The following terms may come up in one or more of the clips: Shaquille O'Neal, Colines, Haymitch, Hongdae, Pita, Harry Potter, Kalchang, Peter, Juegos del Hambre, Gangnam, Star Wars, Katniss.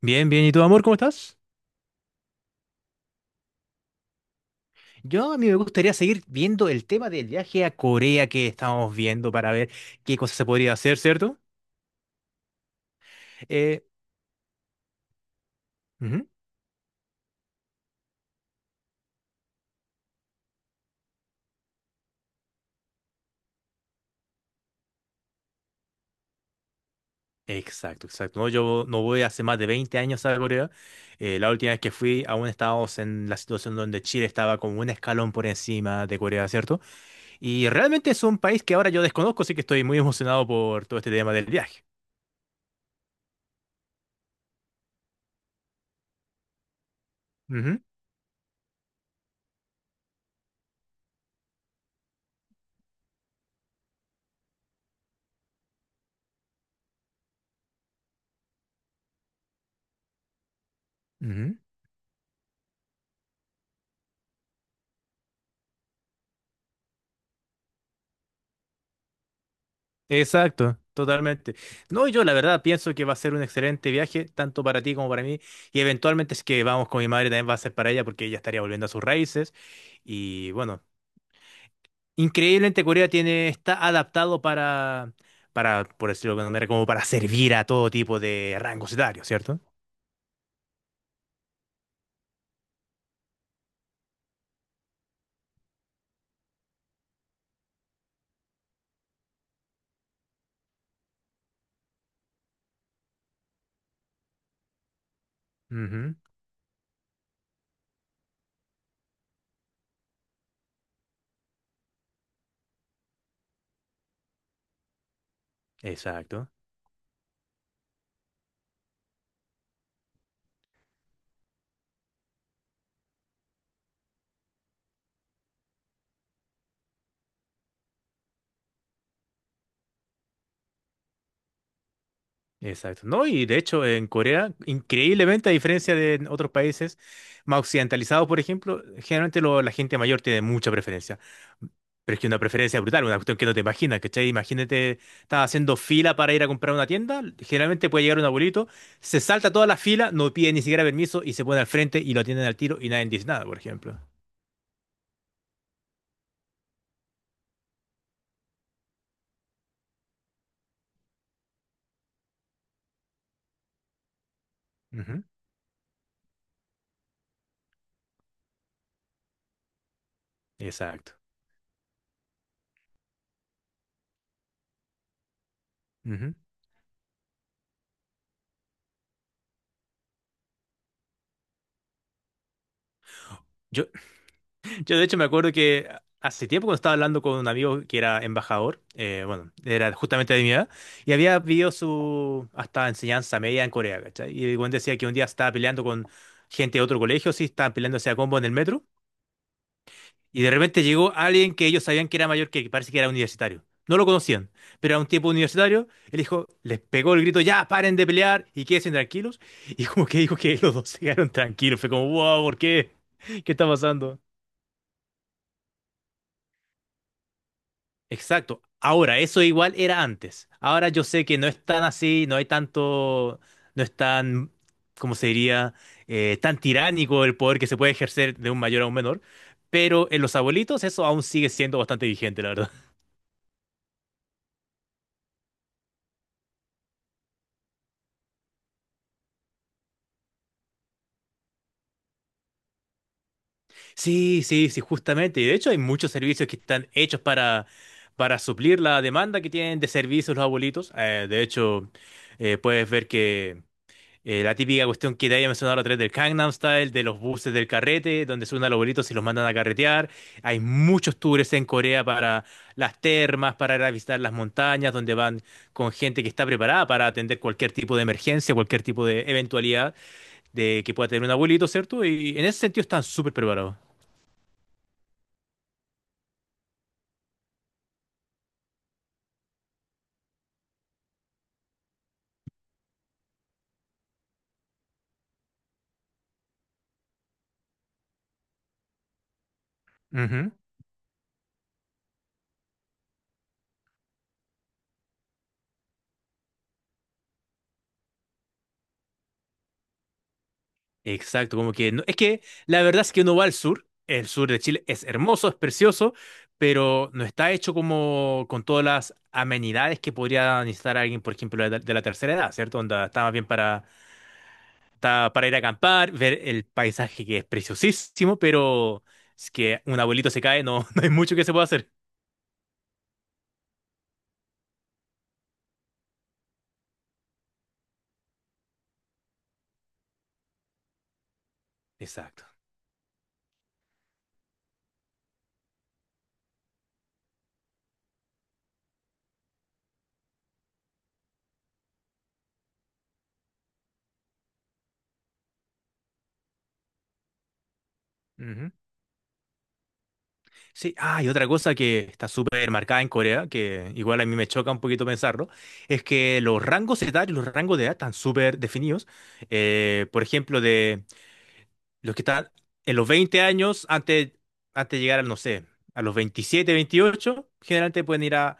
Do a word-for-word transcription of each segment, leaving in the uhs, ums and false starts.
Bien, bien. ¿Y tú, amor, cómo estás? Yo a mí me gustaría seguir viendo el tema del viaje a Corea que estamos viendo para ver qué cosas se podría hacer, ¿cierto? Eh, Ujú. Exacto, exacto. No, yo no voy hace más de veinte años a Corea. Eh, la última vez que fui aún estábamos en la situación donde Chile estaba como un escalón por encima de Corea, ¿cierto? Y realmente es un país que ahora yo desconozco, así que estoy muy emocionado por todo este tema del viaje. Ujú, ujú. Exacto, totalmente. No, yo la verdad pienso que va a ser un excelente viaje, tanto para ti como para mí, y eventualmente si es que vamos con mi madre también va a ser para ella porque ella estaría volviendo a sus raíces. Y bueno, increíblemente Corea tiene, está adaptado para, para, por decirlo de alguna manera, como para servir a todo tipo de rangos etarios, cierto. Ujú, exacto. Exacto, ¿no? Y de hecho, en Corea, increíblemente, a diferencia de otros países más occidentalizados, por ejemplo, generalmente lo- la gente mayor tiene mucha preferencia. Pero es que una preferencia brutal, una cuestión que no te imaginas, ¿cachai? Imagínate, estás haciendo fila para ir a comprar una tienda, generalmente puede llegar un abuelito, se salta toda la fila, no pide ni siquiera permiso y se pone al frente y lo atienden al tiro y nadie dice nada, por ejemplo. Ujú. Exacto. Ujú. Yo, Yo de hecho me acuerdo que hace tiempo cuando estaba hablando con un amigo que era embajador, eh, bueno, era justamente de mi edad, y había vivido su hasta enseñanza media en Corea, ¿cachai? Y el buen decía que un día estaba peleando con gente de otro colegio, sí, estaban peleándose a combo en el metro, y de repente llegó alguien que ellos sabían que era mayor que, que parece que era universitario. No lo conocían, pero era un tipo universitario. Él dijo, les pegó el grito, ya, paren de pelear y quédense tranquilos. Y como que dijo que los dos se quedaron tranquilos. Fue como, wow, ¿por qué? ¿Qué está pasando? Exacto. Ahora, eso igual era antes. Ahora yo sé que no es tan así, no hay tanto, no es tan, ¿cómo se diría? Eh, tan tiránico el poder que se puede ejercer de un mayor a un menor. Pero en los abuelitos eso aún sigue siendo bastante vigente, la verdad. Sí, sí, sí, justamente. Y de hecho hay muchos servicios que están hechos para, para suplir la demanda que tienen de servicios los abuelitos. Eh, de hecho, eh, puedes ver que Eh, la típica cuestión que te había mencionado la otra del Gangnam Style, de los buses del carrete, donde suben a los abuelitos y los mandan a carretear. Hay muchos tours en Corea para las termas, para ir a visitar las montañas, donde van con gente que está preparada para atender cualquier tipo de emergencia, cualquier tipo de eventualidad de que pueda tener un abuelito, ¿cierto? Y en ese sentido están súper preparados. Ujú. Exacto, como que no- es que la verdad es que uno va al sur, el sur de Chile es hermoso, es precioso, pero no está hecho como con todas las amenidades que podría necesitar alguien, por ejemplo, de, de la tercera edad, ¿cierto? Onda, está más bien para, está para ir a acampar, ver el paisaje que es preciosísimo, pero es que un abuelito se cae, no, no hay mucho que se pueda hacer. Exacto. Sí, ah, y otra cosa que está súper marcada en Corea, que igual a mí me choca un poquito pensarlo, es que los rangos etarios, los rangos de edad están súper definidos. Eh, por ejemplo, de los que están en los veinte años, antes, antes de llegar al, no sé, a los veintisiete veintiocho generalmente pueden ir a,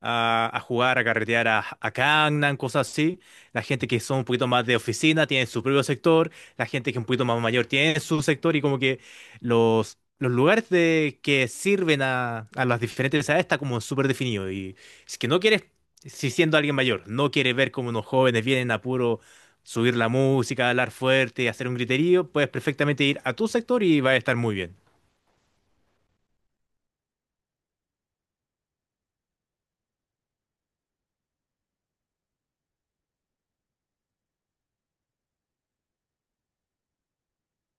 a, a jugar, a carretear a, a Gangnam, cosas así. La gente que son un poquito más de oficina tiene su propio sector, la gente que es un poquito más mayor tiene su sector y como que los, los lugares de, que sirven a, a las diferentes edades está como súper definido. Y si es que no quieres, si siendo alguien mayor, no quiere ver como unos jóvenes vienen a puro subir la música, hablar fuerte, hacer un griterío, puedes perfectamente ir a tu sector y va a estar muy bien.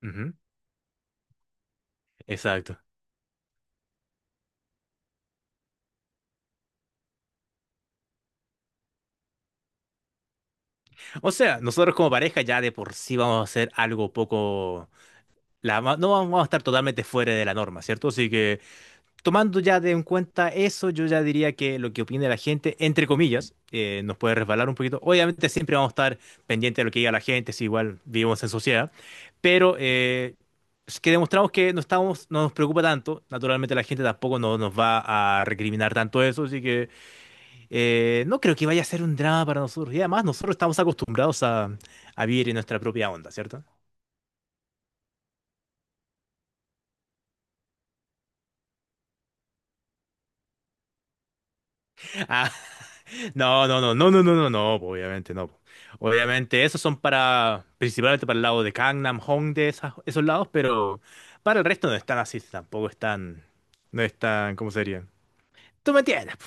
Ujú. Exacto. O sea, nosotros como pareja ya de por sí vamos a hacer algo poco... la va- no vamos a estar totalmente fuera de la norma, ¿cierto? Así que... tomando ya de en cuenta eso, yo ya diría que lo que opine la gente, entre comillas, eh, nos puede resbalar un poquito. Obviamente siempre vamos a estar pendientes de lo que diga la gente, si igual vivimos en sociedad, pero eh, es que demostramos que no estamos, no nos preocupa tanto. Naturalmente la gente tampoco no- nos va a recriminar tanto eso, así que eh, no creo que vaya a ser un drama para nosotros. Y además nosotros estamos acostumbrados a, a vivir en nuestra propia onda, ¿cierto? No, no, no, no, no, no, no, no, po, obviamente no. Po. Obviamente esos son para, principalmente para el lado de Gangnam, Hongdae, esas- esos lados, pero para el resto no están así, tampoco están, no están, ¿cómo sería? Tú me entiendes. Po.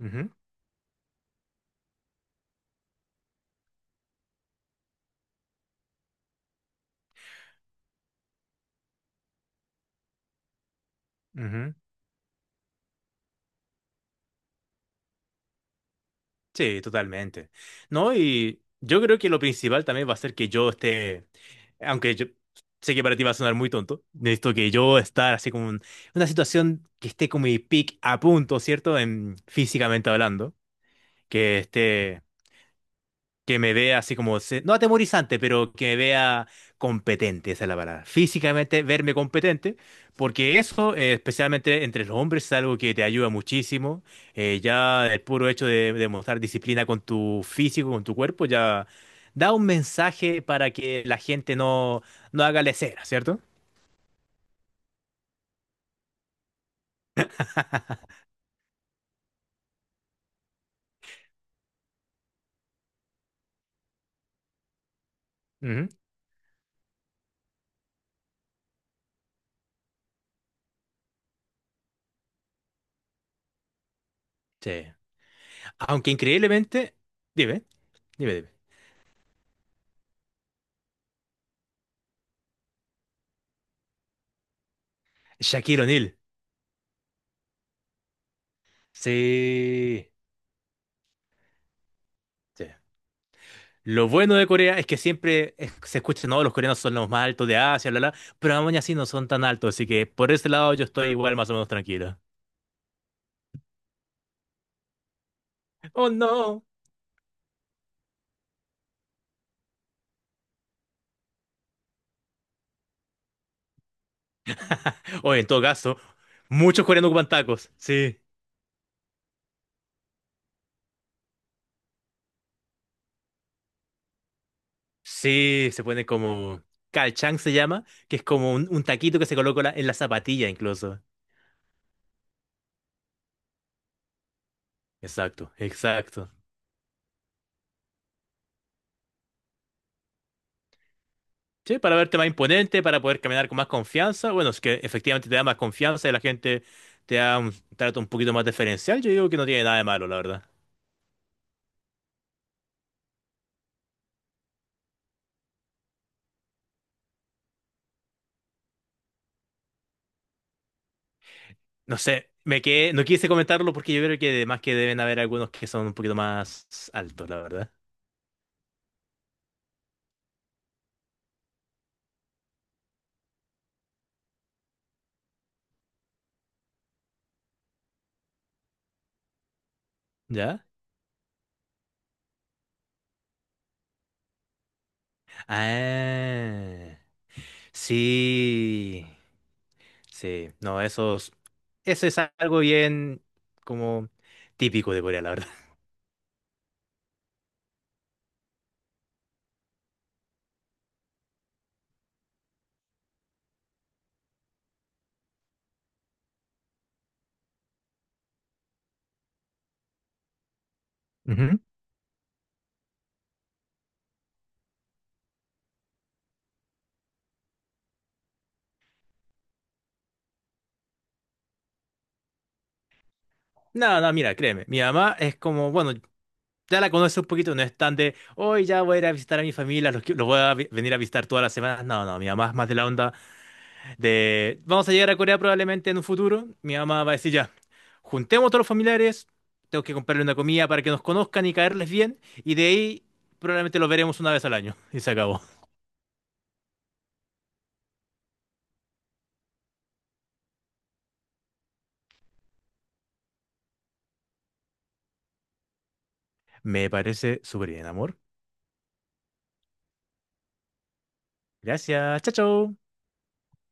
Ujú, ujú. Sí, totalmente. No, y yo creo que lo principal también va a ser que yo esté, aunque yo sé que para ti va a sonar muy tonto, necesito que yo estar así como en una situación que esté con mi pick a punto, ¿cierto? En, físicamente hablando que esté que me vea así como, se- no atemorizante, pero que me vea competente, esa es la palabra. Físicamente verme competente, porque eso, eh, especialmente entre los hombres, es algo que te ayuda muchísimo. Eh, ya el puro hecho de, de mostrar disciplina con tu físico, con tu cuerpo, ya da un mensaje para que la gente no, no haga lesera, ¿cierto? Ujú. Sí. Aunque increíblemente, dime, dime, dime. Shaquille O'Neal. Sí. Sí. Lo bueno de Corea es que siempre es- se escucha, no, los coreanos son los más altos de Asia, bla, bla, pero aún así no son tan altos, así que por ese lado yo estoy igual más o menos tranquilo. Oh, no. O en todo caso, muchos coreanos ocupan tacos. Sí. Sí, se ponen como... Kalchang se llama, que es como un, un taquito que se coloca la- en la zapatilla incluso. Exacto, exacto. Sí, para verte más imponente, para poder caminar con más confianza. Bueno, es que efectivamente te da más confianza y la gente te da un trato un poquito más diferencial. Yo digo que no tiene nada de malo, la verdad. No sé, me quedé, no quise comentarlo porque yo creo que además que deben haber algunos que son un poquito más altos, la verdad. ¿Ya? Ah, sí, sí, no, esos, eso es algo bien como típico de Corea, la verdad. Ujú. No, no, mira, créeme, mi mamá es como, bueno, ya la conoce un poquito, no es tan de, hoy ya voy a ir a visitar a mi familia, los, que- los voy a vi- venir a visitar todas las semanas. No, no, mi mamá es más de la onda. De, vamos a llegar a Corea probablemente en un futuro. Mi mamá va a decir ya, juntemos a todos los familiares, tengo que comprarle una comida para que nos conozcan y caerles bien, y de ahí probablemente los veremos una vez al año. Y se acabó. Me parece súper bien, amor. Gracias. Chao, chao.